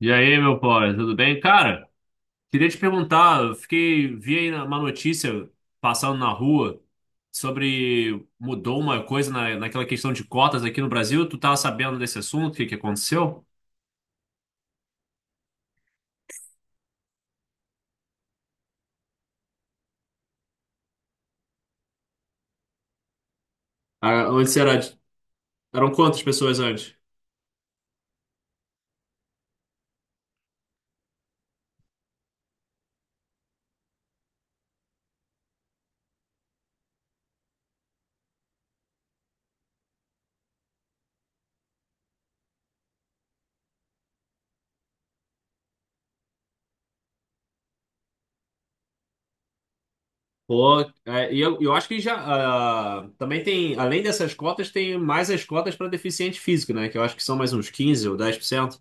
E aí, meu pobre, tudo bem? Cara, queria te perguntar, vi aí uma notícia passando na rua sobre mudou uma coisa naquela questão de cotas aqui no Brasil. Tu tá sabendo desse assunto? O que que aconteceu? Ah, antes era, eram quantas pessoas antes? Pô, é, e eu acho que já também tem, além dessas cotas, tem mais as cotas para deficiente físico, né? Que eu acho que são mais uns 15 ou 10%.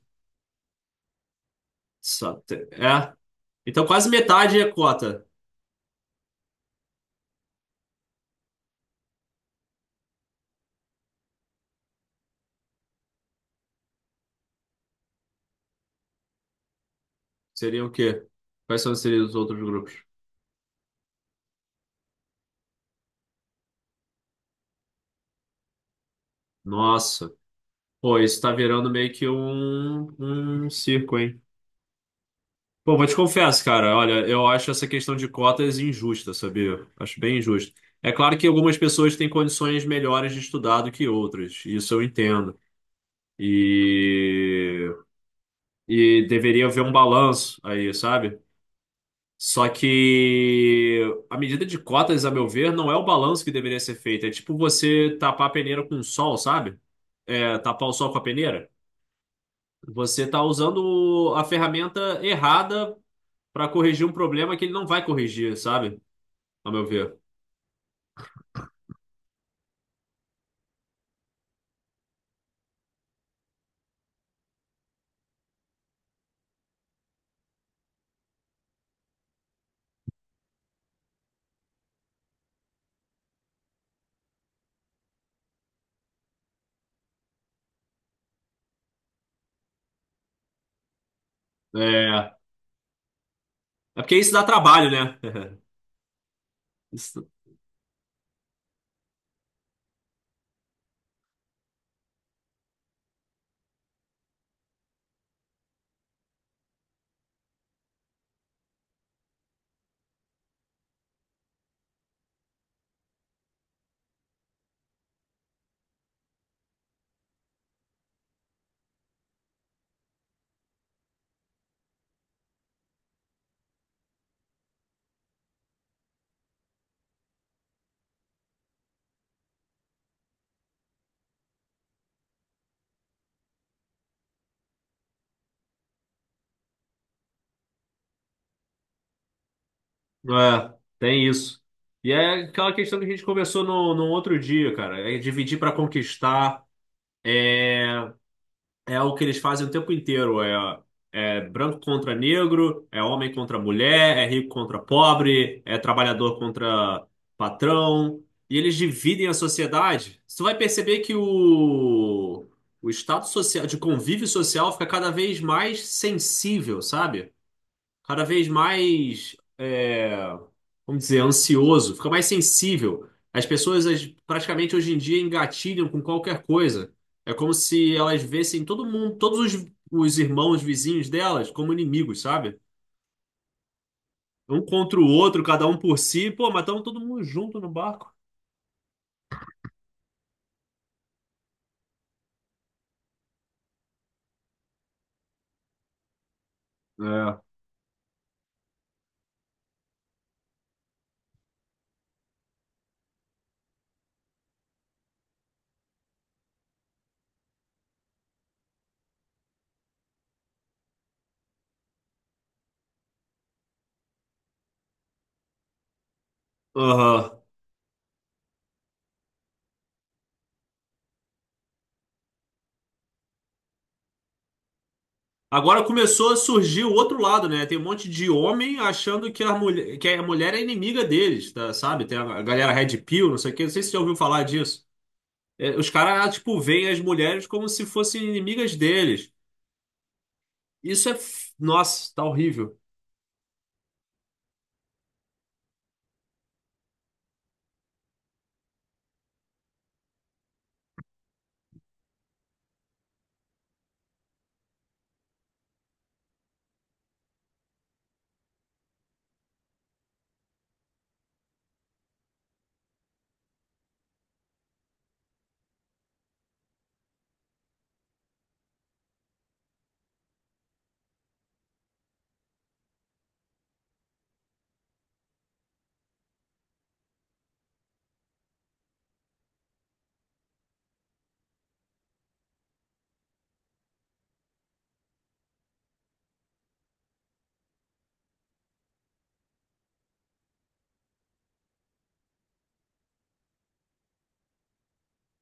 Só, é. Então quase metade é cota. Seria o quê? Quais são seriam os outros grupos? Nossa. Pô, isso tá virando meio que um circo, hein? Pô, vou te confessar, cara. Olha, eu acho essa questão de cotas injusta, sabia? Acho bem injusto. É claro que algumas pessoas têm condições melhores de estudar do que outras. Isso eu entendo. E, e deveria haver um balanço aí, sabe? Só que a medida de cotas, a meu ver, não é o balanço que deveria ser feito. É tipo você tapar a peneira com o sol, sabe? É, tapar o sol com a peneira. Você está usando a ferramenta errada para corrigir um problema que ele não vai corrigir, sabe? A meu ver. É, é porque isso dá trabalho, né? Isso- é, tem isso. E é aquela questão que a gente conversou no outro dia, cara. É dividir para conquistar. é É o que eles fazem o tempo inteiro. É branco contra negro, é homem contra mulher, é rico contra pobre, é trabalhador contra patrão. E eles dividem a sociedade. Você vai perceber que o estado social, de convívio social fica cada vez mais sensível, sabe? Cada vez mais, vamos dizer, ansioso, fica mais sensível. As pessoas praticamente hoje em dia engatilham com qualquer coisa. É como se elas vissem todo mundo, todos os irmãos vizinhos delas como inimigos, sabe? Um contra o outro, cada um por si. Pô, mas estamos todo mundo junto no barco. É. Aham. Agora começou a surgir o outro lado, né? Tem um monte de homem achando que a mulher é inimiga deles, tá? Sabe? Tem a galera Red Pill, não sei o quê. Não sei se você já ouviu falar disso. É, os caras, tipo, veem as mulheres como se fossem inimigas deles. Isso é. Nossa, tá horrível.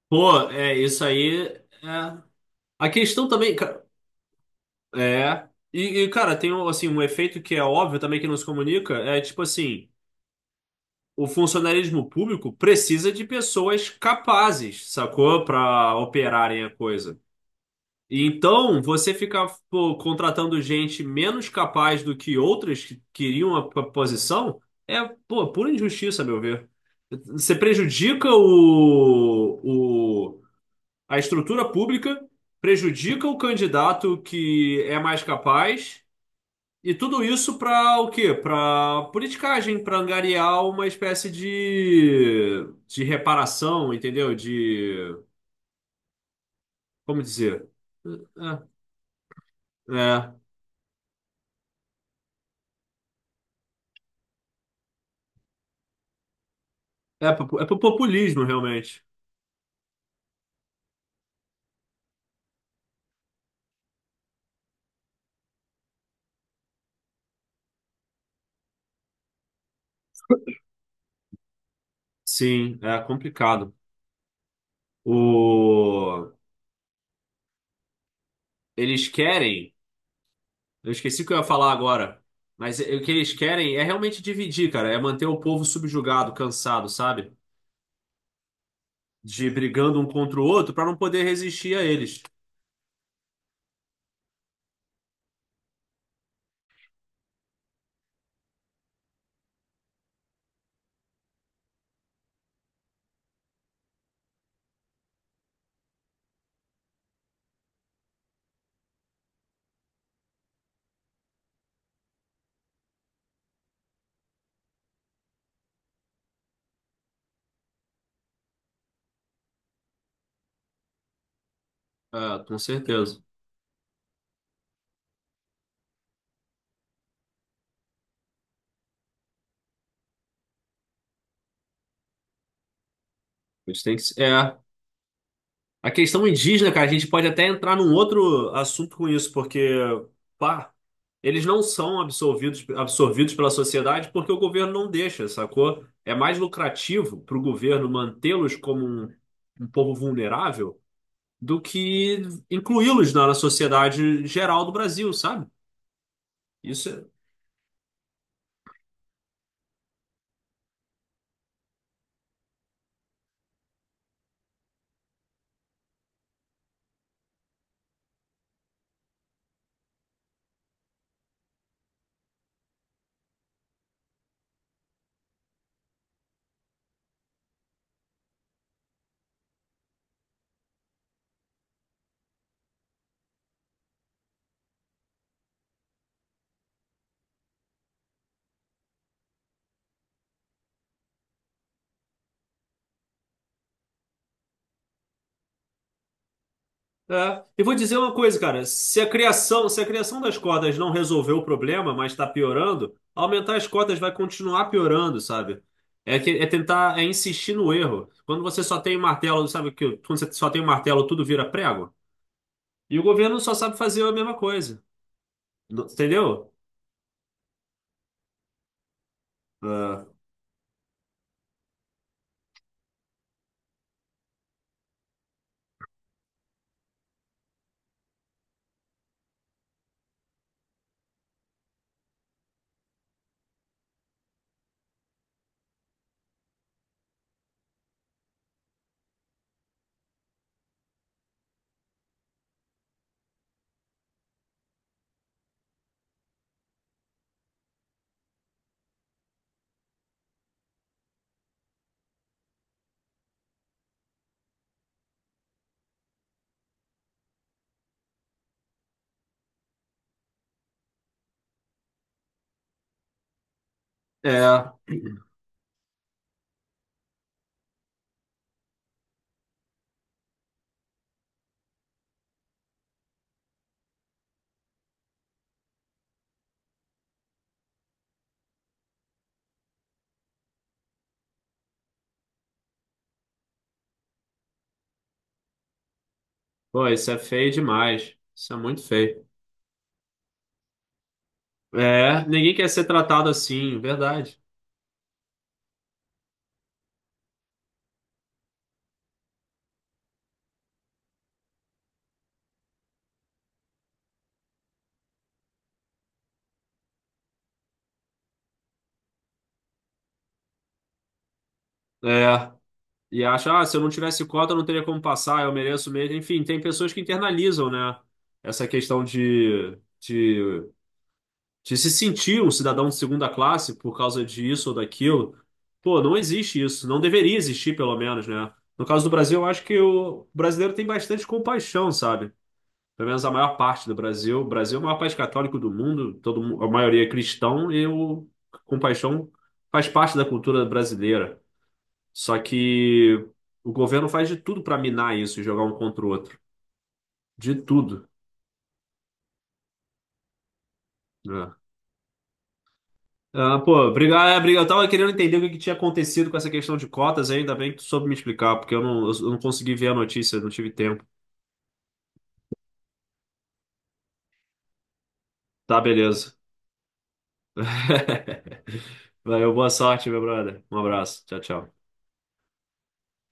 Pô, é, isso aí. É. A questão também. É. E, cara, tem um, assim, um efeito que é óbvio também que não se comunica. É tipo assim: o funcionalismo público precisa de pessoas capazes, sacou? Pra operarem a coisa. Então, você ficar pô, contratando gente menos capaz do que outras que queriam a posição é, pô, pura injustiça, a meu ver. Você prejudica a estrutura pública, prejudica o candidato que é mais capaz, e tudo isso para o quê? Para politicagem, para angariar uma espécie de reparação, entendeu? Como dizer? É, é, É pro populismo, realmente. Sim, é complicado. O, eles querem. Eu esqueci o que eu ia falar agora. Mas o que eles querem é realmente dividir, cara. É manter o povo subjugado, cansado, sabe? De brigando um contra o outro pra não poder resistir a eles. É, com certeza. Eles têm que... se- É. A questão indígena, cara, a gente pode até entrar num outro assunto com isso, porque, pá, eles não são absorvidos pela sociedade porque o governo não deixa, sacou? É mais lucrativo pro governo mantê-los como um povo vulnerável do que incluí-los na sociedade geral do Brasil, sabe? Isso é. É. E vou dizer uma coisa, cara. Se a criação das cotas não resolveu o problema, mas está piorando, aumentar as cotas vai continuar piorando, sabe? É, é tentar, é insistir no erro. Quando você só tem martelo, sabe que quando você só tem um martelo, tudo vira prego. E o governo só sabe fazer a mesma coisa. Entendeu? É. É. Pô, isso é feio demais. Isso é muito feio. É, ninguém quer ser tratado assim, verdade. É, e acha, se eu não tivesse cota, eu não teria como passar, eu mereço mesmo. Enfim, tem pessoas que internalizam, né, essa questão de se sentir um cidadão de segunda classe por causa disso ou daquilo. Pô, não existe isso, não deveria existir, pelo menos, né? No caso do Brasil, eu acho que o brasileiro tem bastante compaixão, sabe? Pelo menos a maior parte do Brasil. O Brasil é o maior país católico do mundo, todo, a maioria é cristão e o compaixão faz parte da cultura brasileira. Só que o governo faz de tudo para minar isso e jogar um contra o outro. De tudo, né? Ah, pô, obrigado, obrigado. Eu tava querendo entender o que que tinha acontecido com essa questão de cotas, e ainda bem que tu soube me explicar, porque eu não consegui ver a notícia, não tive tempo. Tá, beleza. Valeu, boa sorte, meu brother. Um abraço. Tchau, tchau.